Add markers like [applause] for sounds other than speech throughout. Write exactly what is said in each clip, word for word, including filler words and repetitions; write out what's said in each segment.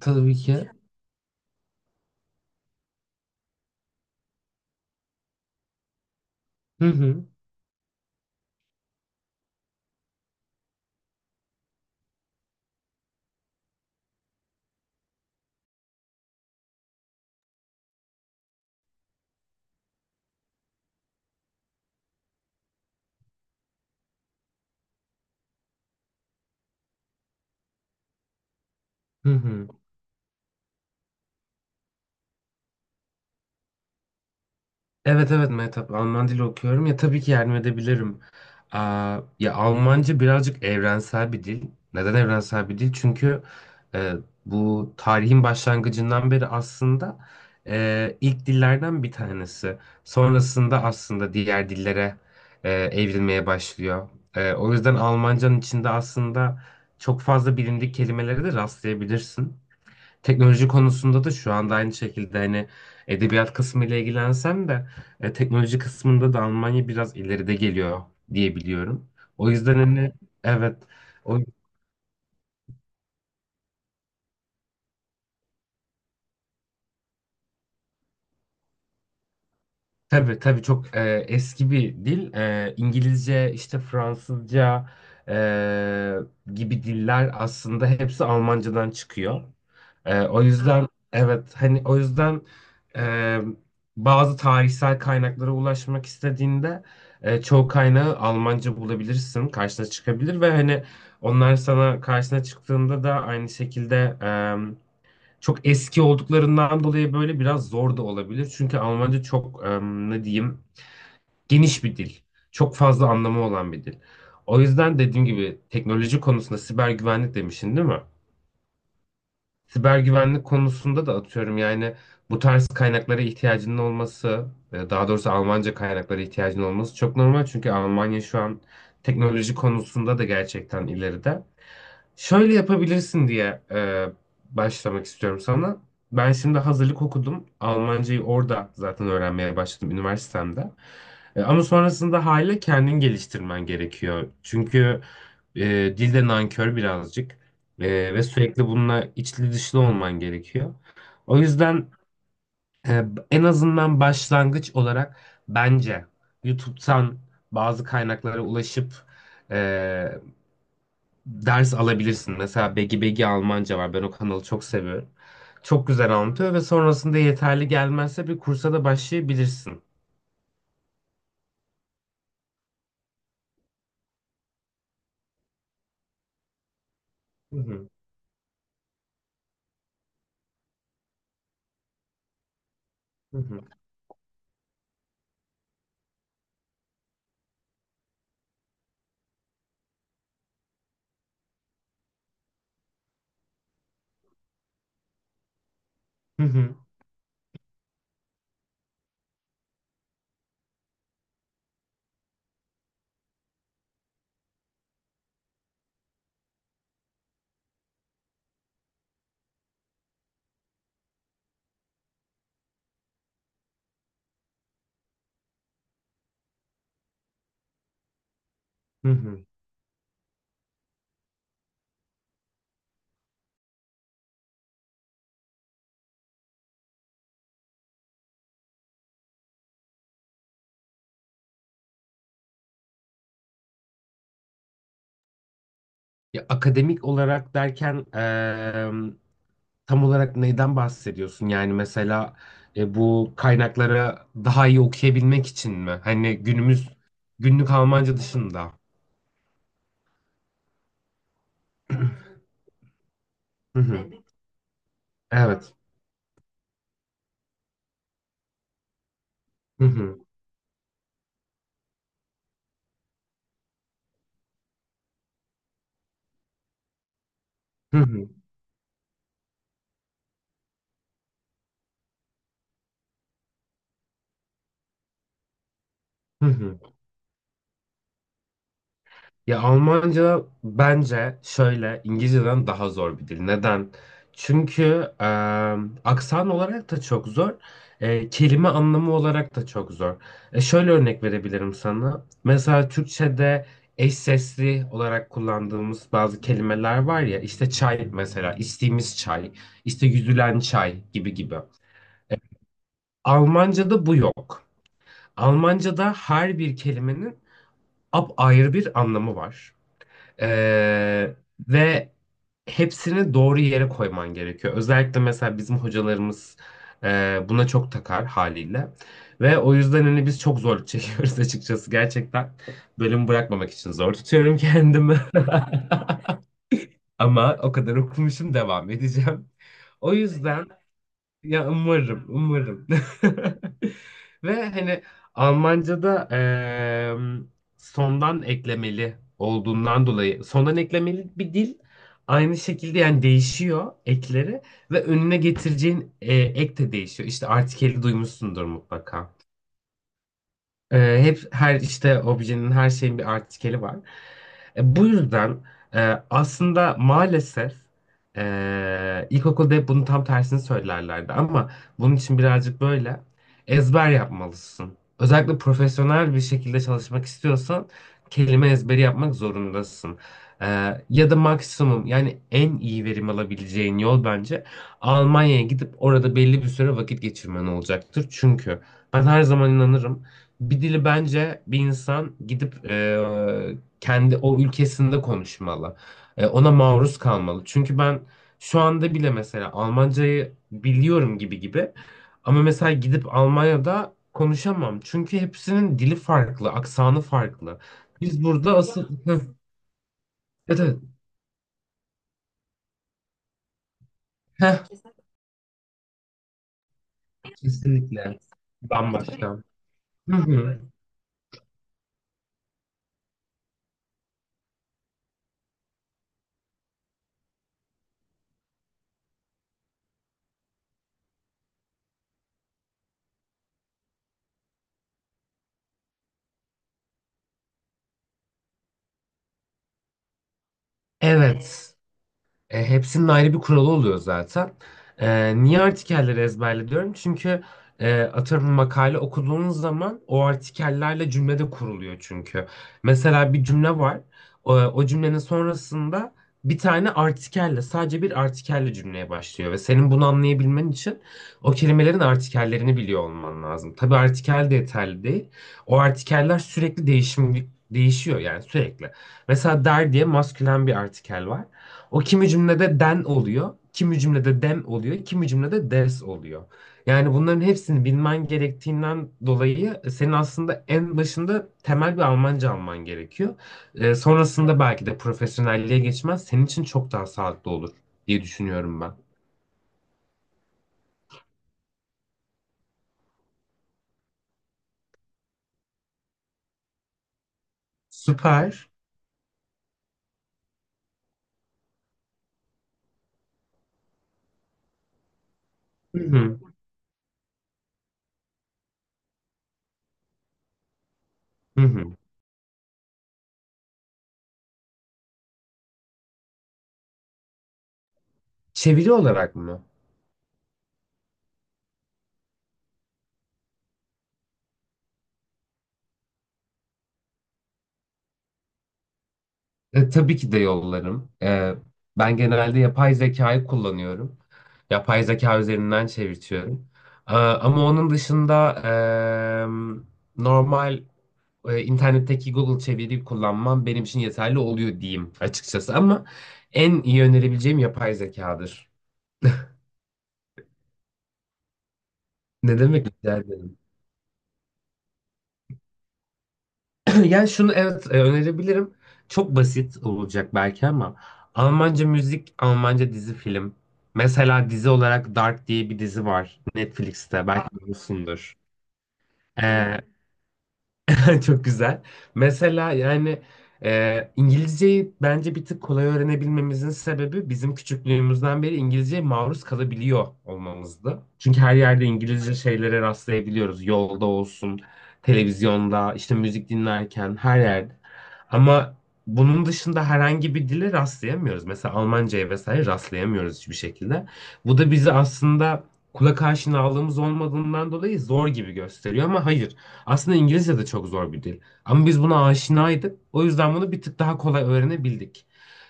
Tabii ki. Hı hı. Hı hı. Evet evet Mehtap Alman dili okuyorum ya tabii ki yardım edebilirim. Aa, ya Almanca birazcık evrensel bir dil. Neden evrensel bir dil? Çünkü e, bu tarihin başlangıcından beri aslında e, ilk dillerden bir tanesi. Sonrasında aslında diğer dillere e, evrilmeye başlıyor. E, o yüzden Almanca'nın içinde aslında çok fazla bilindik kelimelere de rastlayabilirsin. Teknoloji konusunda da şu anda aynı şekilde hani edebiyat kısmı ile ilgilensem de e, teknoloji kısmında da Almanya biraz ileride geliyor diye biliyorum. O yüzden hani evet o tabii tabii çok e, eski bir dil. E, İngilizce işte Fransızca e, gibi diller aslında hepsi Almancadan çıkıyor. Ee, o yüzden evet hani o yüzden e, bazı tarihsel kaynaklara ulaşmak istediğinde e, çoğu kaynağı Almanca bulabilirsin, karşına çıkabilir ve hani onlar sana karşına çıktığında da aynı şekilde e, çok eski olduklarından dolayı böyle biraz zor da olabilir. Çünkü Almanca çok e, ne diyeyim geniş bir dil. Çok fazla anlamı olan bir dil. O yüzden dediğim gibi teknoloji konusunda siber güvenlik demişsin değil mi? Siber güvenlik konusunda da atıyorum yani bu tarz kaynaklara ihtiyacının olması, e, daha doğrusu Almanca kaynaklara ihtiyacının olması çok normal çünkü Almanya şu an teknoloji konusunda da gerçekten ileride. Şöyle yapabilirsin diye e, başlamak istiyorum sana. Ben şimdi hazırlık okudum. Almancayı orada zaten öğrenmeye başladım üniversitemde. E, ama sonrasında hala kendin geliştirmen gerekiyor. Çünkü e, dil nankör birazcık. Ee, ve sürekli bununla içli dışlı olman gerekiyor. O yüzden e, en azından başlangıç olarak bence YouTube'dan bazı kaynaklara ulaşıp e, ders alabilirsin. Mesela Begi Begi Almanca var. Ben o kanalı çok seviyorum. Çok güzel anlatıyor ve sonrasında yeterli gelmezse bir kursa da başlayabilirsin. Hı hı, hı hı, hı hı, hı hı. Ya, akademik olarak derken tam olarak neyden bahsediyorsun? Yani mesela e, bu kaynakları daha iyi okuyabilmek için mi? Hani günümüz günlük Almanca dışında. [clears throat] Hı hı. Evet. Hı hı. Hı hı. Hı hı. Ya Almanca bence şöyle İngilizceden daha zor bir dil. Neden? Çünkü e, aksan olarak da çok zor, e, kelime anlamı olarak da çok zor. E, şöyle örnek verebilirim sana. Mesela Türkçe'de eş sesli olarak kullandığımız bazı kelimeler var ya, işte çay mesela, içtiğimiz çay, işte yüzülen çay gibi gibi. Almanca'da bu yok. Almanca'da her bir kelimenin apayrı bir anlamı var. Ee, Ve hepsini doğru yere koyman gerekiyor. Özellikle mesela bizim hocalarımız e, buna çok takar haliyle. Ve o yüzden hani biz çok zorluk çekiyoruz [laughs] açıkçası. Gerçekten bölüm bırakmamak için zor tutuyorum kendimi. [laughs] Ama o kadar okumuşum devam edeceğim. O yüzden ya umarım, umarım. [laughs] Ve hani Almanca'da em, sondan eklemeli olduğundan dolayı sondan eklemeli bir dil aynı şekilde yani değişiyor ekleri ve önüne getireceğin e, ek de değişiyor. İşte artikeli duymuşsundur mutlaka. E, hep her işte objenin, her şeyin bir artikeli var. E, bu yüzden e, aslında maalesef e, ilkokulda hep bunun tam tersini söylerlerdi ama bunun için birazcık böyle ezber yapmalısın. Özellikle profesyonel bir şekilde çalışmak istiyorsan kelime ezberi yapmak zorundasın. E, Ya da maksimum yani en iyi verim alabileceğin yol bence Almanya'ya gidip orada belli bir süre vakit geçirmen olacaktır. Çünkü ben her zaman inanırım. Bir dili bence bir insan gidip e, kendi o ülkesinde konuşmalı. E, ona maruz kalmalı. Çünkü ben şu anda bile mesela Almancayı biliyorum gibi gibi ama mesela gidip Almanya'da konuşamam. Çünkü hepsinin dili farklı, aksanı farklı. Biz burada asıl... Heh, evet, evet. Heh, kesinlikle. Bambaşka. Hı hı. Evet. E, hepsinin ayrı bir kuralı oluyor zaten. E, niye artikelleri ezberle diyorum? Çünkü e, atıyorum makale okuduğunuz zaman o artikellerle cümle de kuruluyor çünkü. Mesela bir cümle var. O, o cümlenin sonrasında bir tane artikelle, sadece bir artikelle cümleye başlıyor. Ve senin bunu anlayabilmen için o kelimelerin artikellerini biliyor olman lazım. Tabii artikel de yeterli değil. O artikeller sürekli değişim, değişiyor yani sürekli. Mesela der diye maskülen bir artikel var. O kimi cümlede den oluyor, kimi cümlede dem oluyor, kimi cümlede des oluyor. Yani bunların hepsini bilmen gerektiğinden dolayı e, senin aslında en başında temel bir Almanca alman gerekiyor. Ee, sonrasında belki de profesyonelliğe geçmez senin için çok daha sağlıklı olur diye düşünüyorum ben. Süper. Hı hı. Hı hı. Çeviri olarak mı? E, tabii ki de yollarım. E, ben genelde yapay zekayı kullanıyorum. Yapay zeka üzerinden çevirtiyorum. E, ama onun dışında e, normal e, internetteki Google çeviriyi kullanmam benim için yeterli oluyor diyeyim açıkçası. Ama en iyi önerebileceğim yapay zekadır. Ne demek, rica ederim. [clears throat] Yani şunu evet e, önerebilirim. Çok basit olacak belki ama Almanca müzik, Almanca dizi film. Mesela dizi olarak Dark diye bir dizi var Netflix'te belki biliyorsundur. [laughs] Çok güzel. Mesela yani e, İngilizceyi bence bir tık kolay öğrenebilmemizin sebebi bizim küçüklüğümüzden beri İngilizceye maruz kalabiliyor olmamızdı. Çünkü her yerde İngilizce şeylere rastlayabiliyoruz. Yolda olsun, televizyonda, işte müzik dinlerken her yerde. Ama bunun dışında herhangi bir dile rastlayamıyoruz. Mesela Almanca'ya vesaire rastlayamıyoruz hiçbir şekilde. Bu da bizi aslında kulak aşinalığımız olmadığından dolayı zor gibi gösteriyor ama hayır. Aslında İngilizce de çok zor bir dil. Ama biz buna aşinaydık. O yüzden bunu bir tık daha kolay öğrenebildik.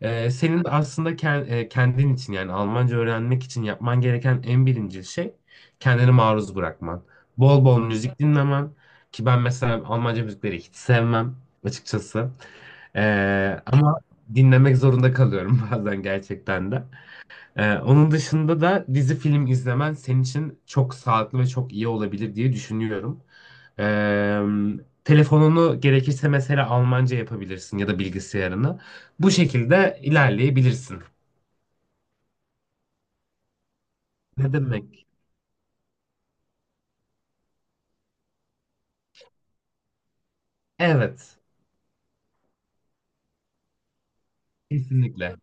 Ee, senin de aslında ken- e, kendin için yani Almanca öğrenmek için yapman gereken en birinci şey kendini maruz bırakman. Bol bol müzik dinlemen. Ki ben mesela Almanca müzikleri hiç sevmem açıkçası. Ee, ama dinlemek zorunda kalıyorum [laughs] bazen gerçekten de. Ee, onun dışında da dizi film izlemen senin için çok sağlıklı ve çok iyi olabilir diye düşünüyorum. Ee, telefonunu gerekirse mesela Almanca yapabilirsin ya da bilgisayarını. Bu şekilde ilerleyebilirsin. Ne demek? Evet, kesinlikle.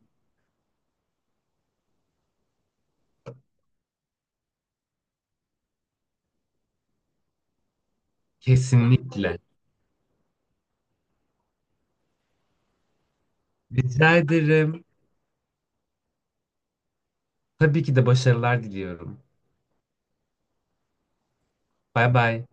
Kesinlikle. Rica ederim. Tabii ki de başarılar diliyorum. Bay bay.